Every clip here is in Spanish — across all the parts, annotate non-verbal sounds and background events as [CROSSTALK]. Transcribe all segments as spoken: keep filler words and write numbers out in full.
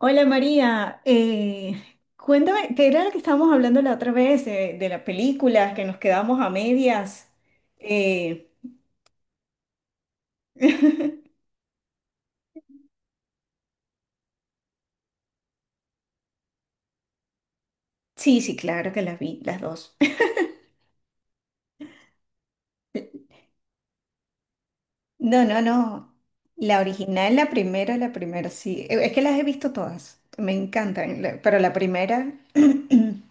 Hola María, eh, cuéntame, ¿qué era lo que estábamos hablando la otra vez eh, de las películas que nos quedamos a medias? Eh, [LAUGHS] sí, sí, claro que las vi, las dos. [LAUGHS] No, no, no, la original, la primera, la primera, sí. Eh, es que las he visto todas, me encantan, la- pero la primera... [LAUGHS]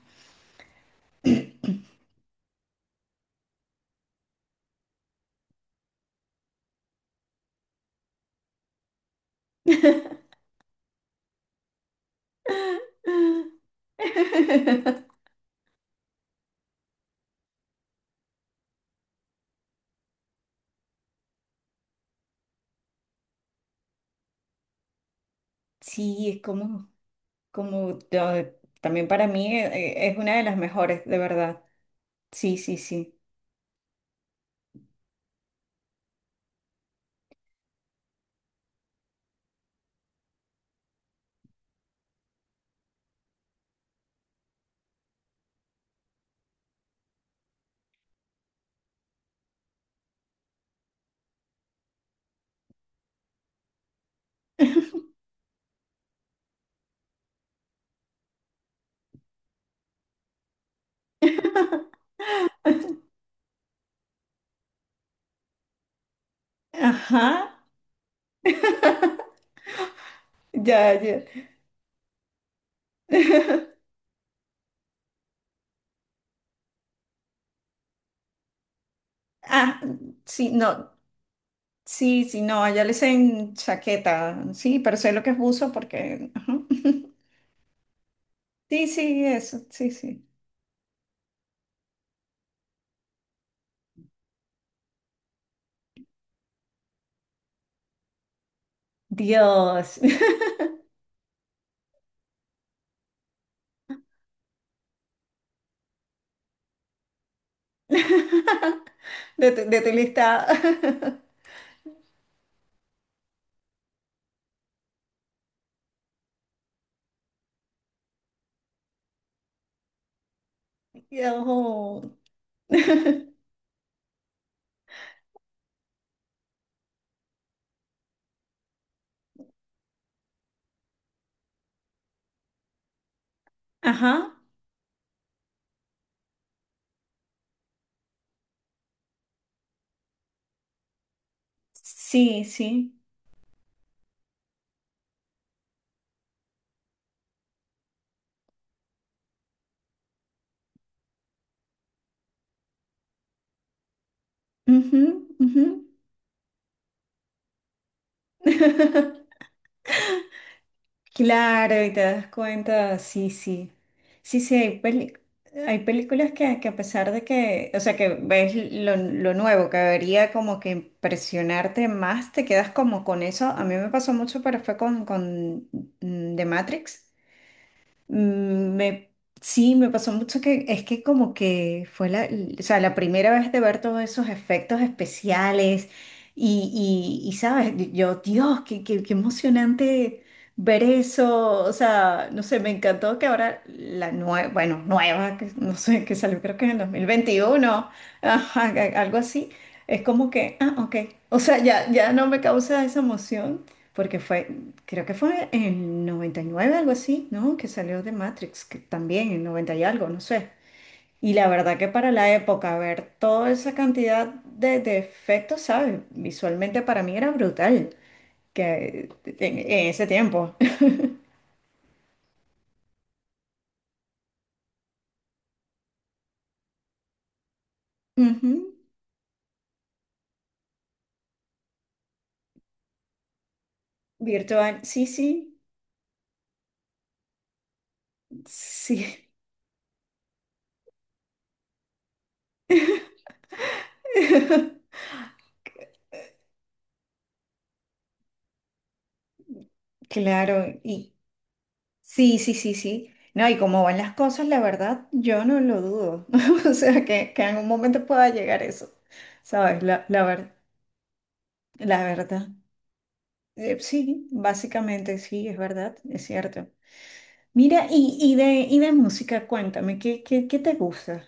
[CLEARS THROAT] Sí, es como, como eh, también para mí eh, eh, es una de las mejores, de verdad. Sí, sí, sí. [LAUGHS] Ajá. Ya, ya. Ah, sí, no. Sí, sí, no, allá le dicen chaqueta. Sí, pero sé lo que es buzo porque, ajá. [LAUGHS] Sí, sí, eso. Sí, sí. Dios. [LAUGHS] De tu, de tu lista. [LAUGHS] Yo- [LAUGHS] Ajá. Sí, sí. Ujú, ujú. [LAUGHS] Claro, y te das cuenta, sí, sí. Sí, sí, hay peli- hay películas que, que a pesar de que, o sea, que ves lo, lo nuevo, que debería como que impresionarte más, te quedas como con eso. A mí me pasó mucho, pero fue con, con mm, The Matrix. Mm, Me, sí, me pasó mucho que es que como que fue la, o sea, la primera vez de ver todos esos efectos especiales y, y, y, sabes, yo, Dios, qué, qué, qué emocionante ver eso, o sea, no sé, me encantó que ahora la nueva, bueno, nueva, que no sé, que salió creo que en el dos mil veintiuno, ajá, a- algo así, es como que, ah, ok, o sea, ya, ya no me causa esa emoción porque fue... Creo que fue en noventa y nueve, algo así, ¿no? Que salió de Matrix, que también en noventa y algo, no sé. Y la verdad que para la época, ver toda esa cantidad de, de efectos, ¿sabes? Visualmente para mí era brutal, que en, en ese tiempo. [LAUGHS] Ujú. Virtual, sí, sí, sí. [LAUGHS] Claro, y sí, sí, sí, sí. No, y como van las cosas, la verdad, yo no lo dudo. [LAUGHS] O sea, que, que en un momento pueda llegar eso, ¿sabes? La, la verdad. La verdad, eh, sí, básicamente sí, es verdad, es cierto. Mira, y, y de, y de música, cuéntame, ¿qué, qué, qué te gusta?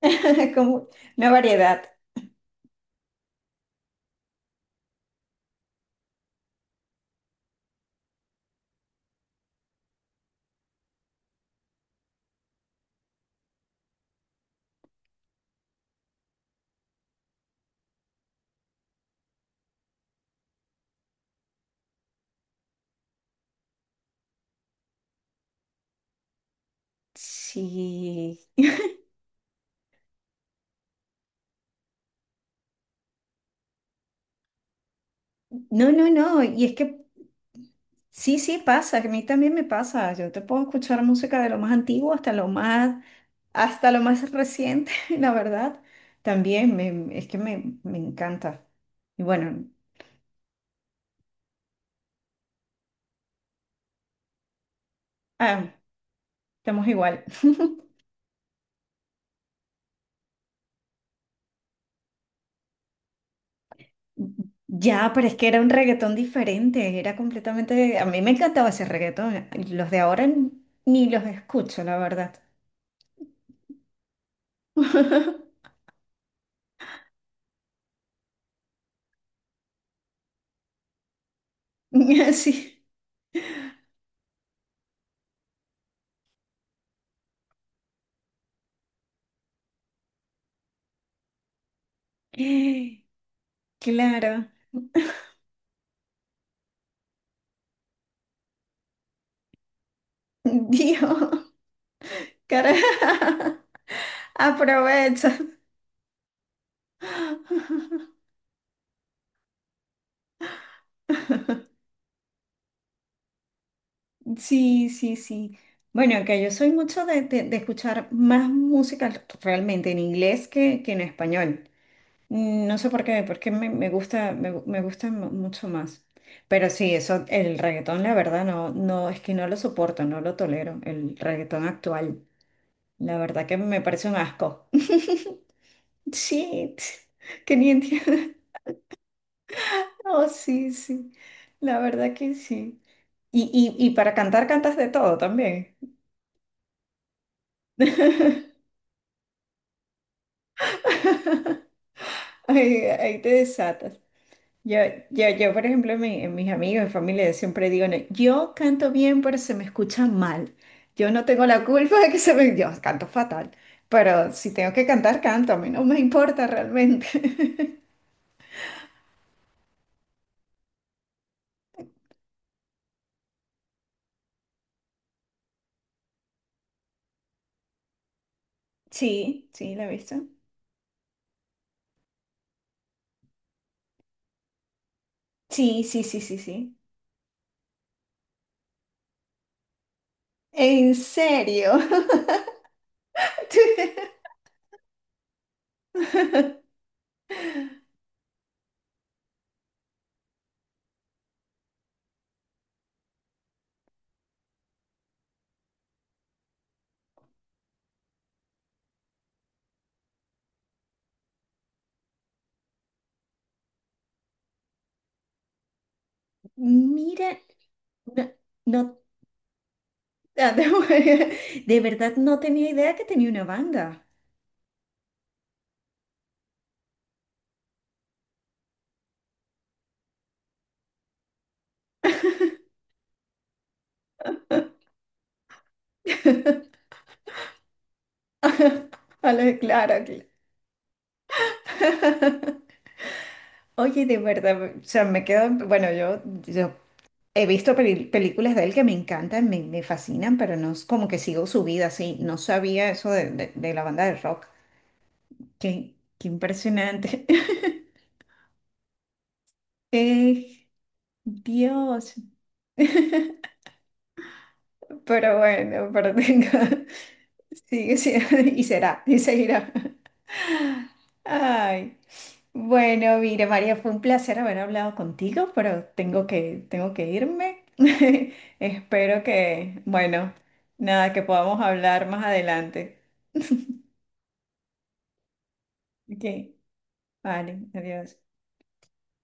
[LAUGHS] Como una variedad. Sí. No, no, no, y es que sí, sí pasa, que a mí también me pasa. Yo te puedo escuchar música de lo más antiguo hasta lo más, hasta lo más reciente, [LAUGHS] la verdad. También me, es que me, me encanta. Y bueno, ah, estamos igual. [LAUGHS] Ya, pero es que era un reggaetón diferente, era completamente... A mí me encantaba ese reggaetón, los de ahora ni los escucho, la verdad. [LAUGHS] Sí, claro. Dios, cara, [LAUGHS] aprovecha. Sí, sí, sí. Bueno, que yo soy mucho de, de- de escuchar más música realmente en inglés que, que en español. Mm, No sé por qué, porque me, me gusta, me, gu- me gusta mu- mucho más. Pero sí, eso, el reggaetón, la verdad, no, no, es que no lo soporto, no lo tolero, el reggaetón actual. La verdad que me parece un asco. [LAUGHS] Shit, que ni entiendo. Oh, [LAUGHS] sí, sí, la verdad que sí. Y, y, y para cantar cantas de todo también. [LAUGHS] Ahí, ahí te desatas. Yo, yo, yo, por ejemplo, mi- en mis amigos, mi familia, yo siempre digo, "No, yo canto bien, pero se me escucha mal. Yo no tengo la culpa de que se me... Yo canto fatal, pero si tengo que cantar, canto. A mí no me importa realmente." [LAUGHS] Sí, sí, ¿la he visto? Sí, sí, sí, sí, sí. ¿En serio? [LAUGHS] Mira, no, no, ah, de [LAUGHS] de verdad no tenía idea que tenía una banda. [LAUGHS] Claro, claro. [LAUGHS] Oye, de verdad, o sea, me quedo, bueno, yo, yo he visto peli- películas de él que me encantan, me, me fascinan, pero no es como que sigo su vida así. No sabía eso de, de- de la banda de rock. Qué, qué impresionante. [LAUGHS] Eh, Dios. [LAUGHS] Pero bueno, pero tenga, [LAUGHS] sigue siendo, y será, y seguirá. Ay, bueno, mira, María, fue un placer haber hablado contigo, pero tengo que, tengo que irme. [LAUGHS] Espero que, bueno, nada, que podamos hablar más adelante. Ok, vale, adiós.